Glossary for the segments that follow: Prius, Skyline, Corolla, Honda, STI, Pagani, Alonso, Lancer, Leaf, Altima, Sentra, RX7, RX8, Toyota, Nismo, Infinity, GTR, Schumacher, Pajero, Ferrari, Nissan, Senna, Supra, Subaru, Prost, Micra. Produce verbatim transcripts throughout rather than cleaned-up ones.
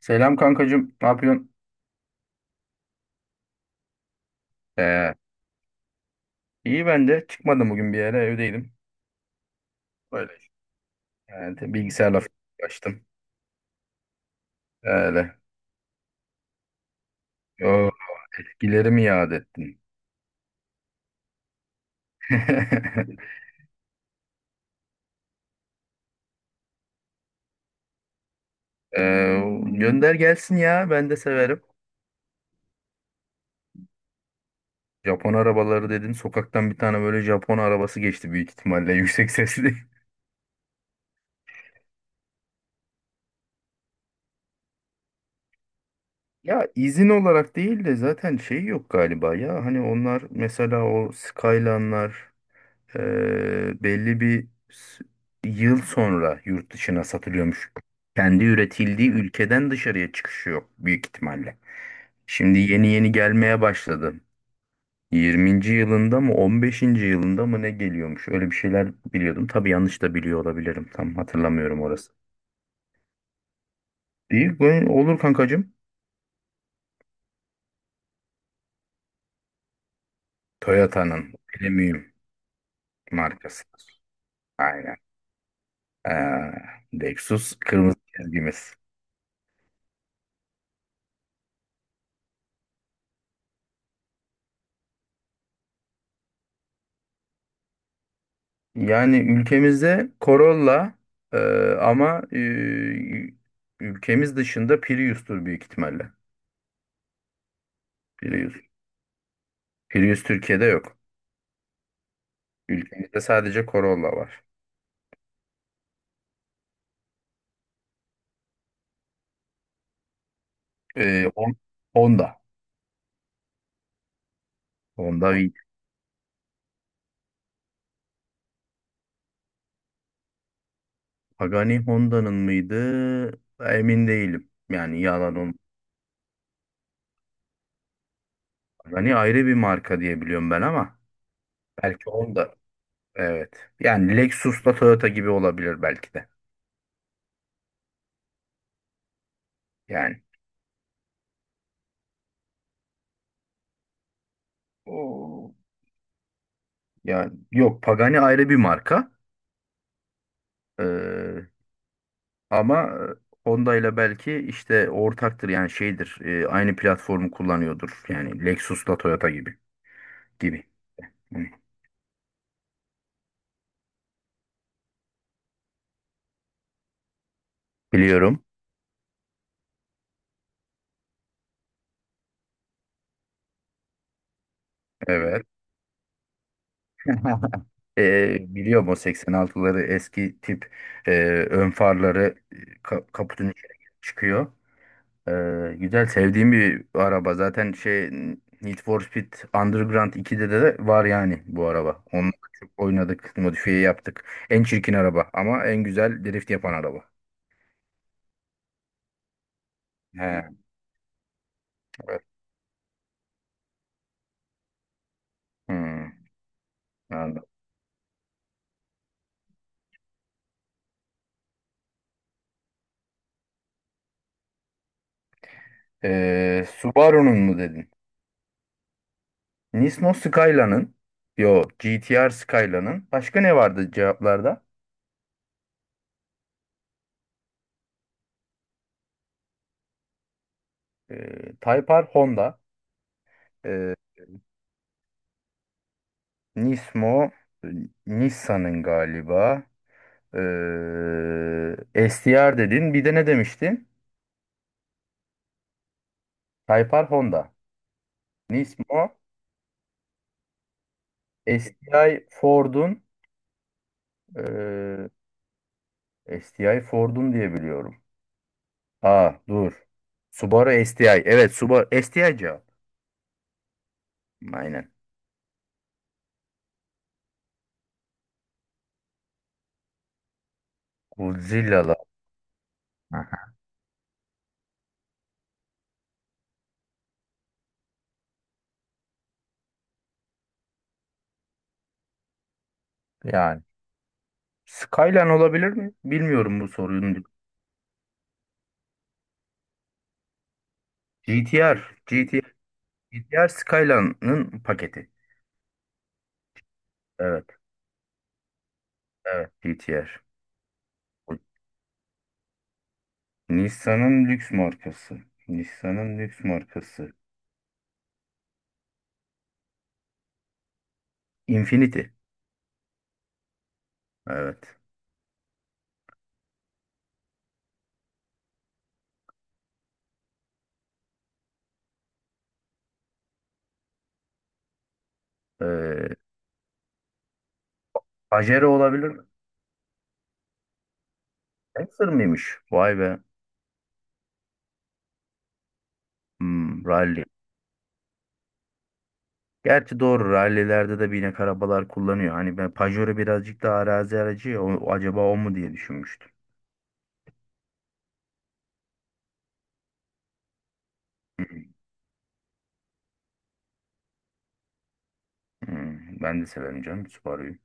Selam kankacığım. Ne yapıyorsun? Ee, iyi ben de. Çıkmadım bugün bir yere. Evdeydim. Öyle. Yani te- bilgisayarla falan uğraştım. Öyle. O bilgileri mi yad ettin? Ee, gönder gelsin ya. Ben de severim. Japon arabaları dedin. Sokaktan bir tane böyle Japon arabası geçti büyük ihtimalle. Yüksek sesli. Ya izin olarak değil de zaten şey yok galiba ya. Hani onlar mesela o Skyline'lar e, belli bir s- yıl sonra yurt dışına satılıyormuş. Kendi üretildiği ülkeden dışarıya çıkışı yok büyük ihtimalle. Şimdi yeni yeni gelmeye başladı. yirminci yılında mı on beşinci yılında mı ne geliyormuş? Öyle bir şeyler biliyordum. Tabii yanlış da biliyor olabilirim. Tam hatırlamıyorum orası. Değil bu, olur kankacığım. Toyota'nın premium markası. Aynen. Ee, Lexus kırmızı çizgimiz. Yani ülkemizde Corolla, e, ama e, ülkemiz dışında Prius'tur büyük ihtimalle. Prius. Prius Türkiye'de yok. Ülkemizde sadece Corolla var. E, Hon- Honda. Honda V. Pagani Honda'nın mıydı? Emin değilim. Yani yalan olmasın. Pagani ayrı bir marka diye biliyorum ben ama belki Honda. Evet. Yani Lexus'la Toyota gibi olabilir belki de. Yani. Oo. Yani yok, Pagani ayrı bir marka. Ee, Ama e, Honda ile belki işte ortaktır, yani şeydir, e, aynı platformu kullanıyordur. Yani Lexus'la Toyota gibi gibi. Hı. Biliyorum. Evet. E, biliyorum, o seksen altıları eski tip, e, ön farları, e, ka- kaputun içine çıkıyor. E, Güzel, sevdiğim bir araba. Zaten şey, Need for Speed Underground ikide de de var yani bu araba. Onunla çok oynadık, modifiye yaptık. En çirkin araba ama en güzel drift yapan araba. He. Evet. Hmm, Anladım. Ee, Subaru'nun mu dedin? Nismo Skylia'nın, yo G T R Skylia'nın, başka ne vardı cevaplarda? Ee, Type R Honda, ee, Nismo, e, Nissan'ın galiba, ee, S T R dedin, bir de ne demiştin? Type R Honda, Nismo, S T I Ford'un, ee, S T I Ford'un diye biliyorum. Aa, dur, Subaru S T I, evet, Subaru S T I cevap, aynen. Godzilla'lar. Aha. Yani. Skyline olabilir mi? Bilmiyorum bu sorunun. G T R. G T R. G T R Skyline'ın paketi. Evet. Evet. G T R. Bu, Nissan'ın lüks markası. Nissan'ın lüks markası. Infinity. Evet. Ee, Pajero olabilir mi? Lancer mıymış? Vay be. Hmm, rally. Gerçi doğru, rallilerde de binek arabalar kullanıyor. Hani ben Pajero birazcık daha arazi aracı ya. O- acaba o mu diye düşünmüştüm. Hmm, ben de severim canım Subaru'yu.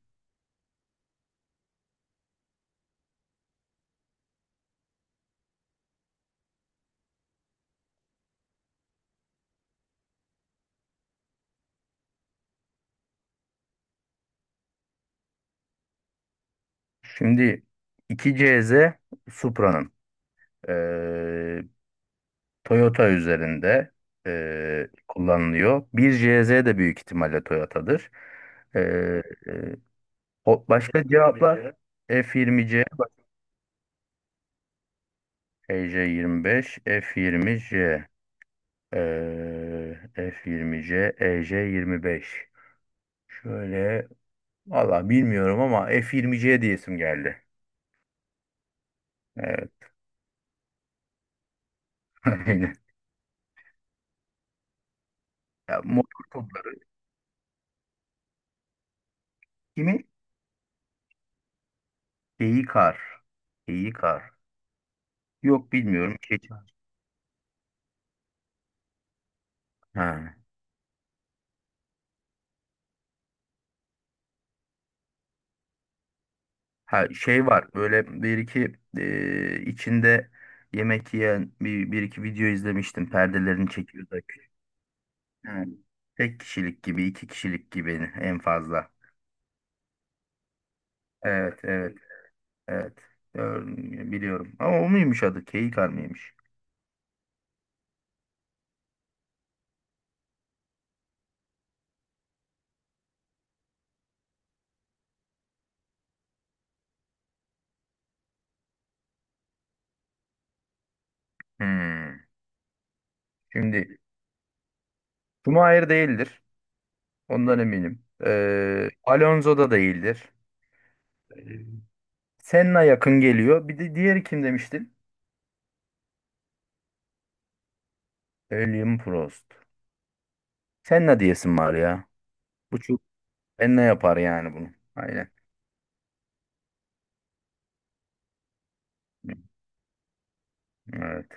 Şimdi iki C Z Supra'nın, eee, Toyota üzerinde, eee, kullanılıyor. bir C Z de büyük ihtimalle Toyota'dır. Eee, eee, o- Başka cevaplar F yirmi C, E J yirmi beş, F yirmi C, eee, F yirmi C, E J yirmi beş. Şöyle, valla bilmiyorum ama F yirmi C diyesim geldi. Evet. Aynen. Ya, motor. Kimi? Geyikar. Geyikar. Yok, bilmiyorum. Keçi. Ha. Ha, şey var böyle bir iki, e, içinde yemek yiyen bir, bir iki video izlemiştim. Perdelerini çekiyor da. Ha. Tek kişilik gibi, iki kişilik gibi en fazla. Evet, evet, evet. Ör- Biliyorum. Ama o muymuş adı? Geyikar mıymış? Hmm. Şimdi, Schumacher değildir. Ondan eminim. Ee, Alonso da değildir. Senna yakın geliyor. Bir de diğeri kim demiştin? William Prost. Senna diyesin var ya. Bu çok Senna yapar yani bunu. Aynen. Evet.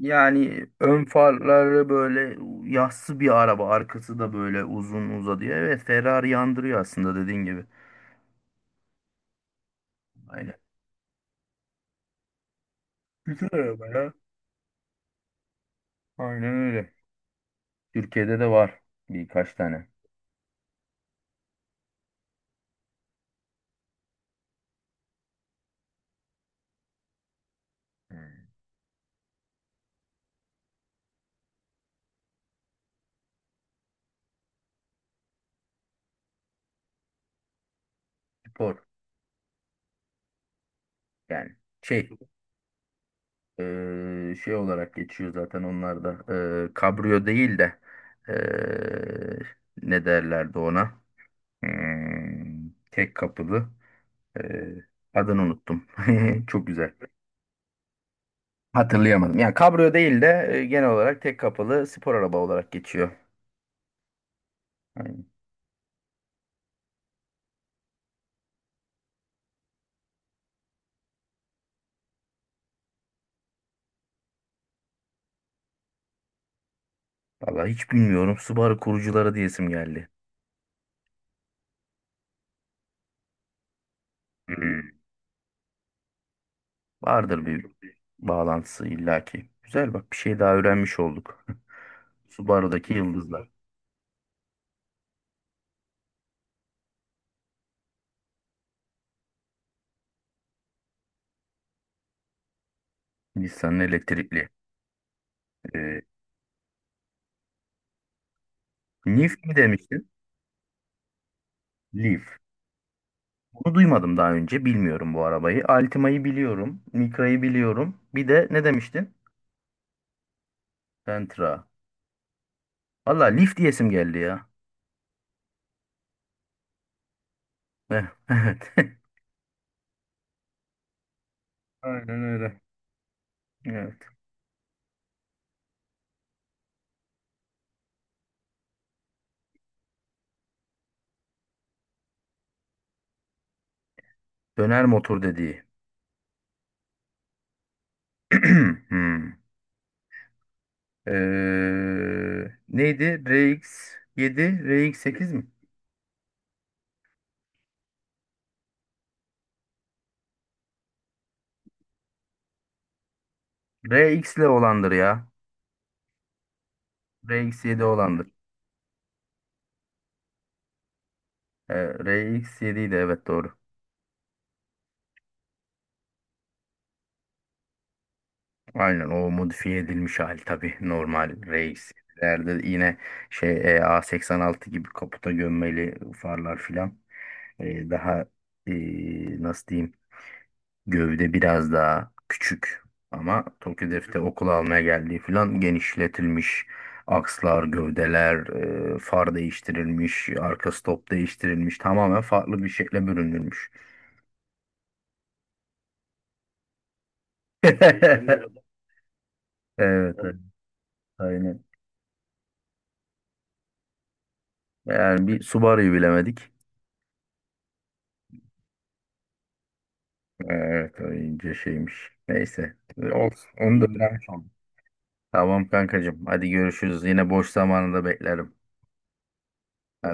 Yani ön farları böyle yassı bir araba. Arkası da böyle uzun uzadıya. Evet, Ferrari yandırıyor aslında, dediğin gibi. Aynen. Güzel araba ya. Aynen öyle. Türkiye'de de var birkaç tane. Hmm. Spor yani. Şey Eee, şey olarak geçiyor zaten onlar da. Eee kabrio değil de, eee, ne derlerdi ona? Hmm, tek kapılı. Eee, Adını unuttum. Çok güzel. Hatırlayamadım. Yani kabrio değil de, e, genel olarak tek kapılı spor araba olarak geçiyor. Yani, vallahi hiç bilmiyorum. Subaru kurucuları diyesim geldi. Hmm, Vardır bir bağlantısı illaki. Güzel, bak, bir şey daha öğrenmiş olduk. Subaru'daki yıldızlar. Nissan'ın elektrikli. Leaf mi demiştin? Leaf. Bunu duymadım daha önce. Bilmiyorum bu arabayı. Altima'yı biliyorum. Micra'yı biliyorum. Bir de ne demiştin? Sentra. Valla Leaf diyesim geldi ya. Eh, evet. Aynen öyle. Evet. Döner motor dediği. Hmm. Ee, neydi? R X yedi, R X sekiz mi? R X ile olandır ya. R X yedi olandır. Ee, R X yedi idi, evet, doğru. Aynen, o modifiye edilmiş hali, tabii normal reislerde yine şey e, A seksen altı gibi kaputa gömmeli farlar filan. E, daha, e, nasıl diyeyim, gövde biraz daha küçük ama Tokyo Drift'te okula almaya geldiği filan, genişletilmiş akslar, gövdeler, e, far değiştirilmiş, arka stop değiştirilmiş, tamamen farklı bir şekle bürünülmüş. Evet, evet, aynen. Yani bir Subaru'yu bilemedik. Evet, o ince şeymiş. Neyse, olsun. Onu da öyle öğrenmiş oldum. Tamam kankacığım. Hadi görüşürüz. Yine boş zamanında beklerim. Hadi